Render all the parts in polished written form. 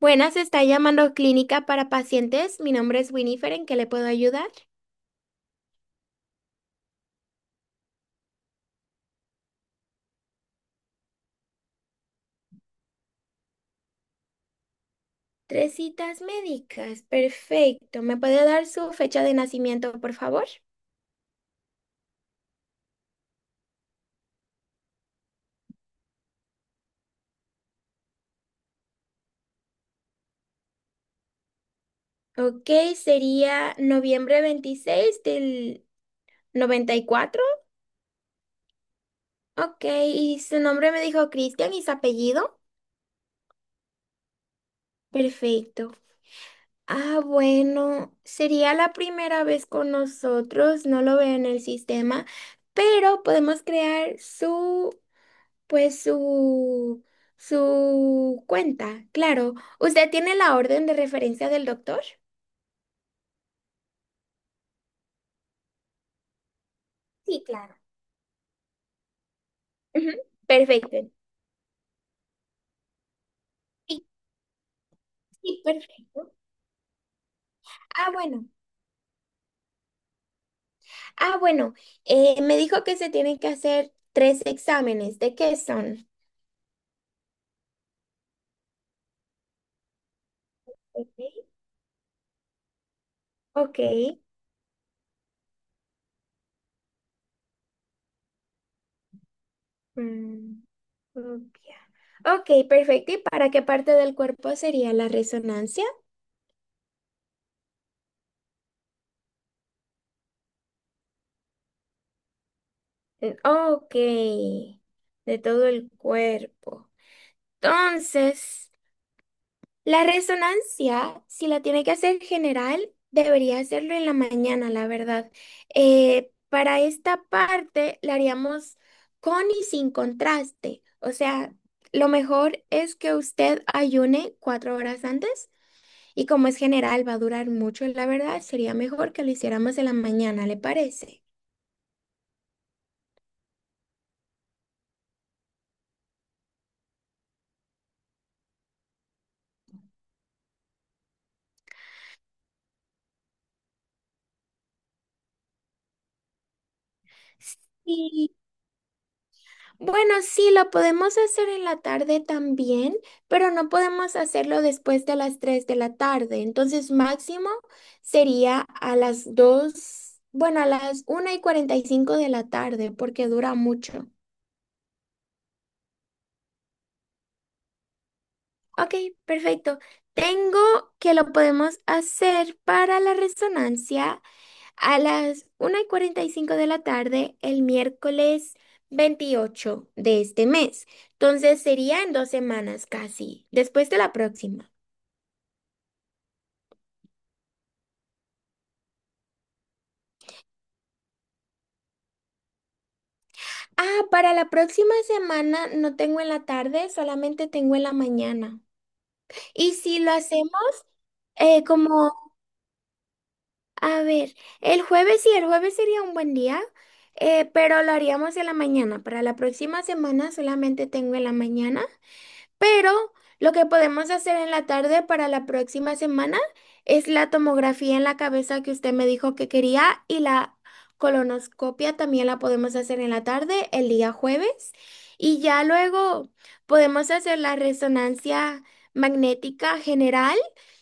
Buenas, está llamando Clínica para Pacientes. Mi nombre es Winifred, ¿en qué le puedo ayudar? Tres citas médicas, perfecto. ¿Me puede dar su fecha de nacimiento, por favor? Ok, sería noviembre 26 del 94. Ok, y su nombre me dijo Cristian y su apellido. Perfecto. Ah, bueno, sería la primera vez con nosotros, no lo veo en el sistema, pero podemos crear Pues su, su cuenta, claro. ¿Usted tiene la orden de referencia del doctor? Sí, claro. Ujú. Perfecto. Sí, sí, perfecto. Ah, bueno. Ah, bueno. Me dijo que se tienen que hacer tres exámenes. ¿De qué son? Ok. Ok. Mm, ok. Ok, perfecto. ¿Y para qué parte del cuerpo sería la resonancia? Mm, ok. De todo el cuerpo. Entonces, la resonancia, si la tiene que hacer general, debería hacerlo en la mañana, la verdad. Para esta parte la haríamos con y sin contraste. O sea, lo mejor es que usted ayune 4 horas antes y como es general, va a durar mucho, la verdad, sería mejor que lo hiciéramos en la mañana, ¿le parece? Sí. Bueno, sí, lo podemos hacer en la tarde también, pero no podemos hacerlo después de las 3 de la tarde. Entonces, máximo sería a las 2, bueno, a las 1:45 de la tarde, porque dura mucho. Ok, perfecto. Tengo que lo podemos hacer para la resonancia a las 1:45 de la tarde, el miércoles 28 de este mes. Entonces sería en 2 semanas casi, después de la próxima. Ah, para la próxima semana no tengo en la tarde, solamente tengo en la mañana. Y si lo hacemos como, a ver, el jueves sí, el jueves sería un buen día, pero lo haríamos en la mañana. Para la próxima semana solamente tengo en la mañana. Pero lo que podemos hacer en la tarde para la próxima semana es la tomografía en la cabeza que usted me dijo que quería y la colonoscopia también la podemos hacer en la tarde, el día jueves. Y ya luego podemos hacer la resonancia magnética general.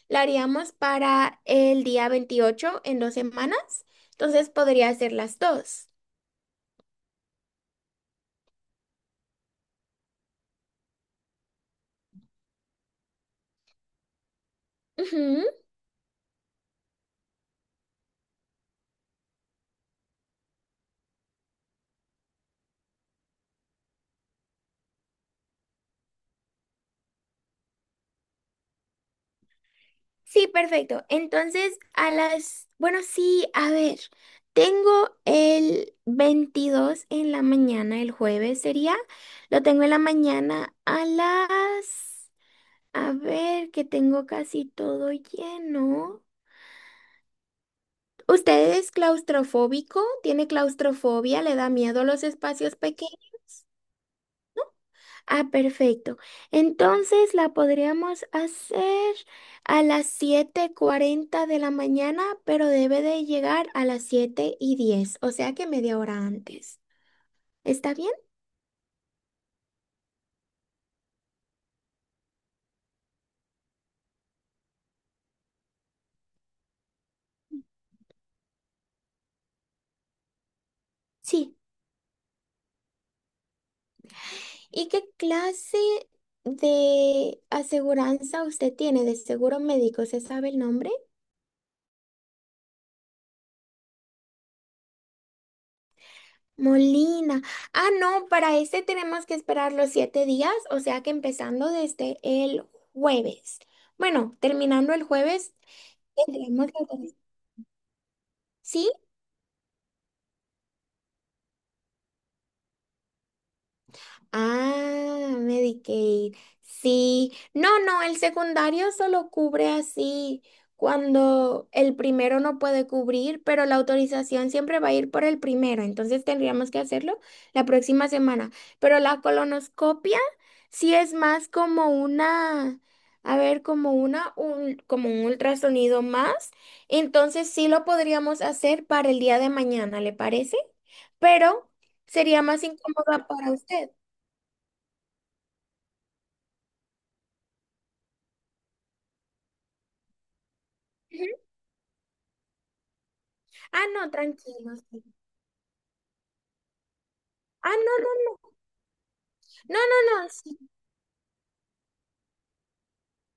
La haríamos para el día 28 en 2 semanas. Entonces podría hacer las dos. Ujú. Sí, perfecto. Entonces, a las, bueno, sí, a ver, tengo el 22 en la mañana, el jueves sería, lo tengo en la mañana a las, a ver, que tengo casi todo lleno. ¿Usted es claustrofóbico? ¿Tiene claustrofobia? ¿Le da miedo los espacios pequeños? Ah, perfecto. Entonces la podríamos hacer a las 7:40 de la mañana, pero debe de llegar a las 7:10, o sea que media hora antes. ¿Está bien? Sí. ¿Y qué clase de aseguranza usted tiene de seguro médico? ¿Se sabe el nombre? Molina. Ah, no, para este tenemos que esperar los 7 días, o sea que empezando desde el jueves. Bueno, terminando el jueves. Tendremos que. Sí. Ah, Medicaid. Sí. No, no, el secundario solo cubre así cuando el primero no puede cubrir, pero la autorización siempre va a ir por el primero, entonces tendríamos que hacerlo la próxima semana. Pero la colonoscopia sí es más como una, a ver, como un ultrasonido más, entonces sí lo podríamos hacer para el día de mañana, ¿le parece? Pero sería más incómoda para usted. Ujú. Ah, no, tranquilo, sí. Ah, no, no, no. No, no, no, sí.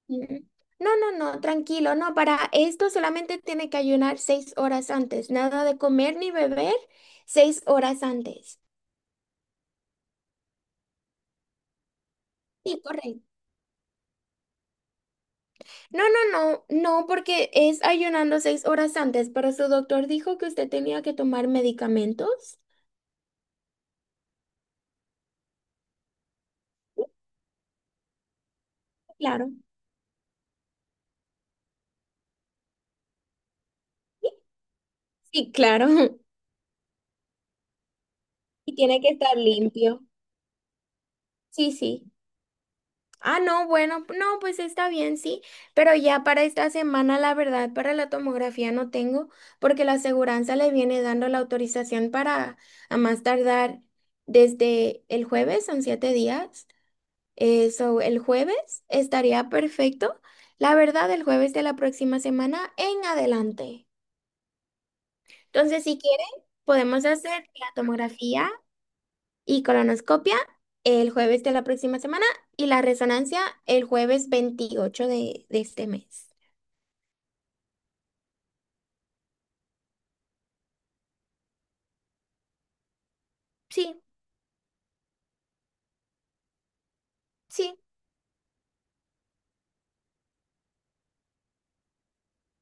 Ujú. No, no, no, tranquilo. No, para esto solamente tiene que ayunar 6 horas antes. Nada de comer ni beber 6 horas antes. Sí, correcto. No, no, no, no, porque es ayunando 6 horas antes, pero su doctor dijo que usted tenía que tomar medicamentos. Claro. Sí, claro. Y tiene que estar limpio. Sí, sí. Ah, no, bueno, no, pues está bien, sí, pero ya para esta semana, la verdad, para la tomografía no tengo, porque la aseguranza le viene dando la autorización para a más tardar desde el jueves, son 7 días. Eso, el jueves estaría perfecto, la verdad, el jueves de la próxima semana en adelante. Entonces, si quieren, podemos hacer la tomografía y colonoscopia el jueves de la próxima semana y la resonancia el jueves 28 de este mes. Sí, sí,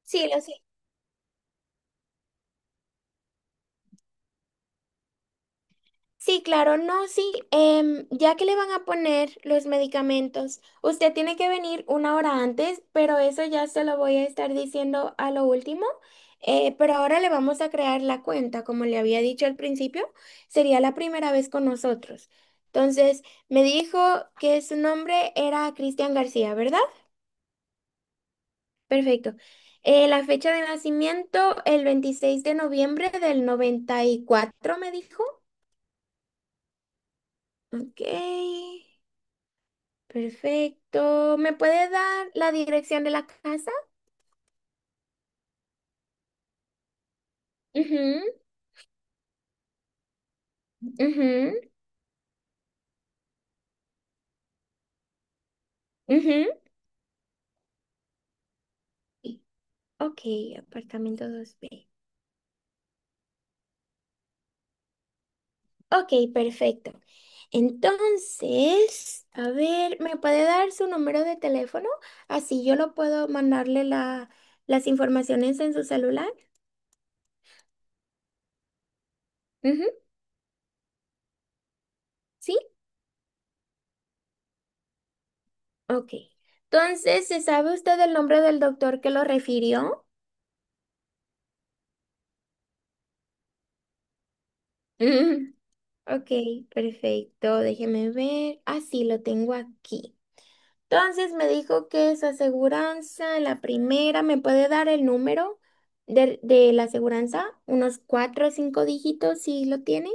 sí, lo sé. Sí, claro, no, sí. Ya que le van a poner los medicamentos, usted tiene que venir una hora antes, pero eso ya se lo voy a estar diciendo a lo último. Pero ahora le vamos a crear la cuenta, como le había dicho al principio, sería la primera vez con nosotros. Entonces, me dijo que su nombre era Cristian García, ¿verdad? Perfecto. La fecha de nacimiento, el 26 de noviembre del 94 me dijo. Ok, perfecto. ¿Me puede dar la dirección de la casa? Ujú. Ujú. Ujú. Ok, apartamento 2B. Ok, perfecto. Entonces, a ver, ¿me puede dar su número de teléfono? Así yo lo puedo mandarle las informaciones en su celular. Ujú. ¿Sí? Ok. Entonces, ¿se sabe usted el nombre del doctor que lo refirió? Mm. Ok, perfecto. Déjeme ver. Ah, sí, lo tengo aquí. Entonces me dijo que su aseguranza, la primera, ¿me puede dar el número de la aseguranza? Unos cuatro o cinco dígitos, si lo tiene.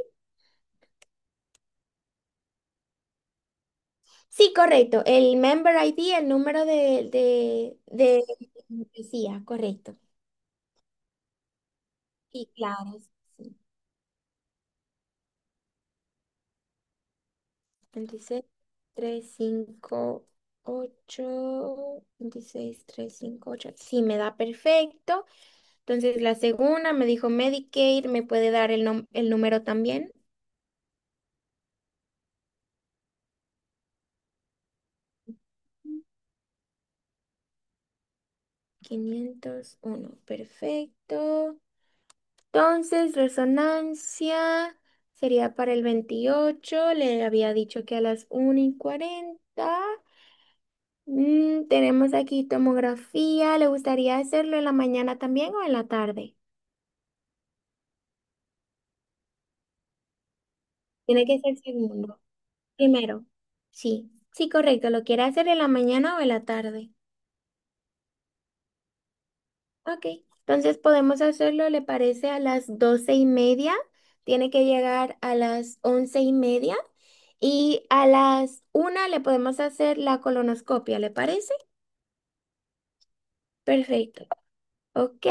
Sí, correcto. El member ID, el número de policía, correcto. Sí, claro. Sí, sí. 26358 26358. Sí, me da perfecto. Entonces la segunda me dijo Medicaid, ¿me puede dar el número también? 501, perfecto. Entonces, resonancia sería para el 28, le había dicho que a las 1:40. Mm, tenemos aquí tomografía, ¿le gustaría hacerlo en la mañana también o en la tarde? Tiene que ser segundo. Primero. Sí. Sí, correcto. ¿Lo quiere hacer en la mañana o en la tarde? Ok. Entonces podemos hacerlo, ¿le parece? A las 12:30. Tiene que llegar a las 11:30. Y a las 1 le podemos hacer la colonoscopia, ¿le parece? Perfecto. Ok.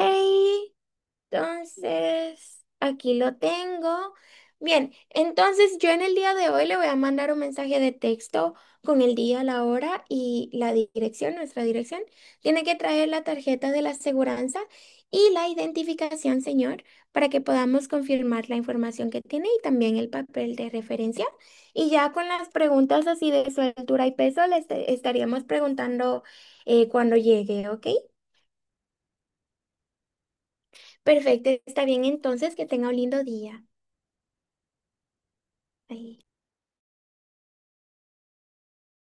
Entonces, aquí lo tengo. Bien, entonces yo en el día de hoy le voy a mandar un mensaje de texto con el día, la hora y la dirección, nuestra dirección. Tiene que traer la tarjeta de la aseguranza y la identificación, señor, para que podamos confirmar la información que tiene y también el papel de referencia. Y ya con las preguntas así de su altura y peso, le estaríamos preguntando cuando llegue, ¿ok? Perfecto, está bien entonces, que tenga un lindo día. Ay.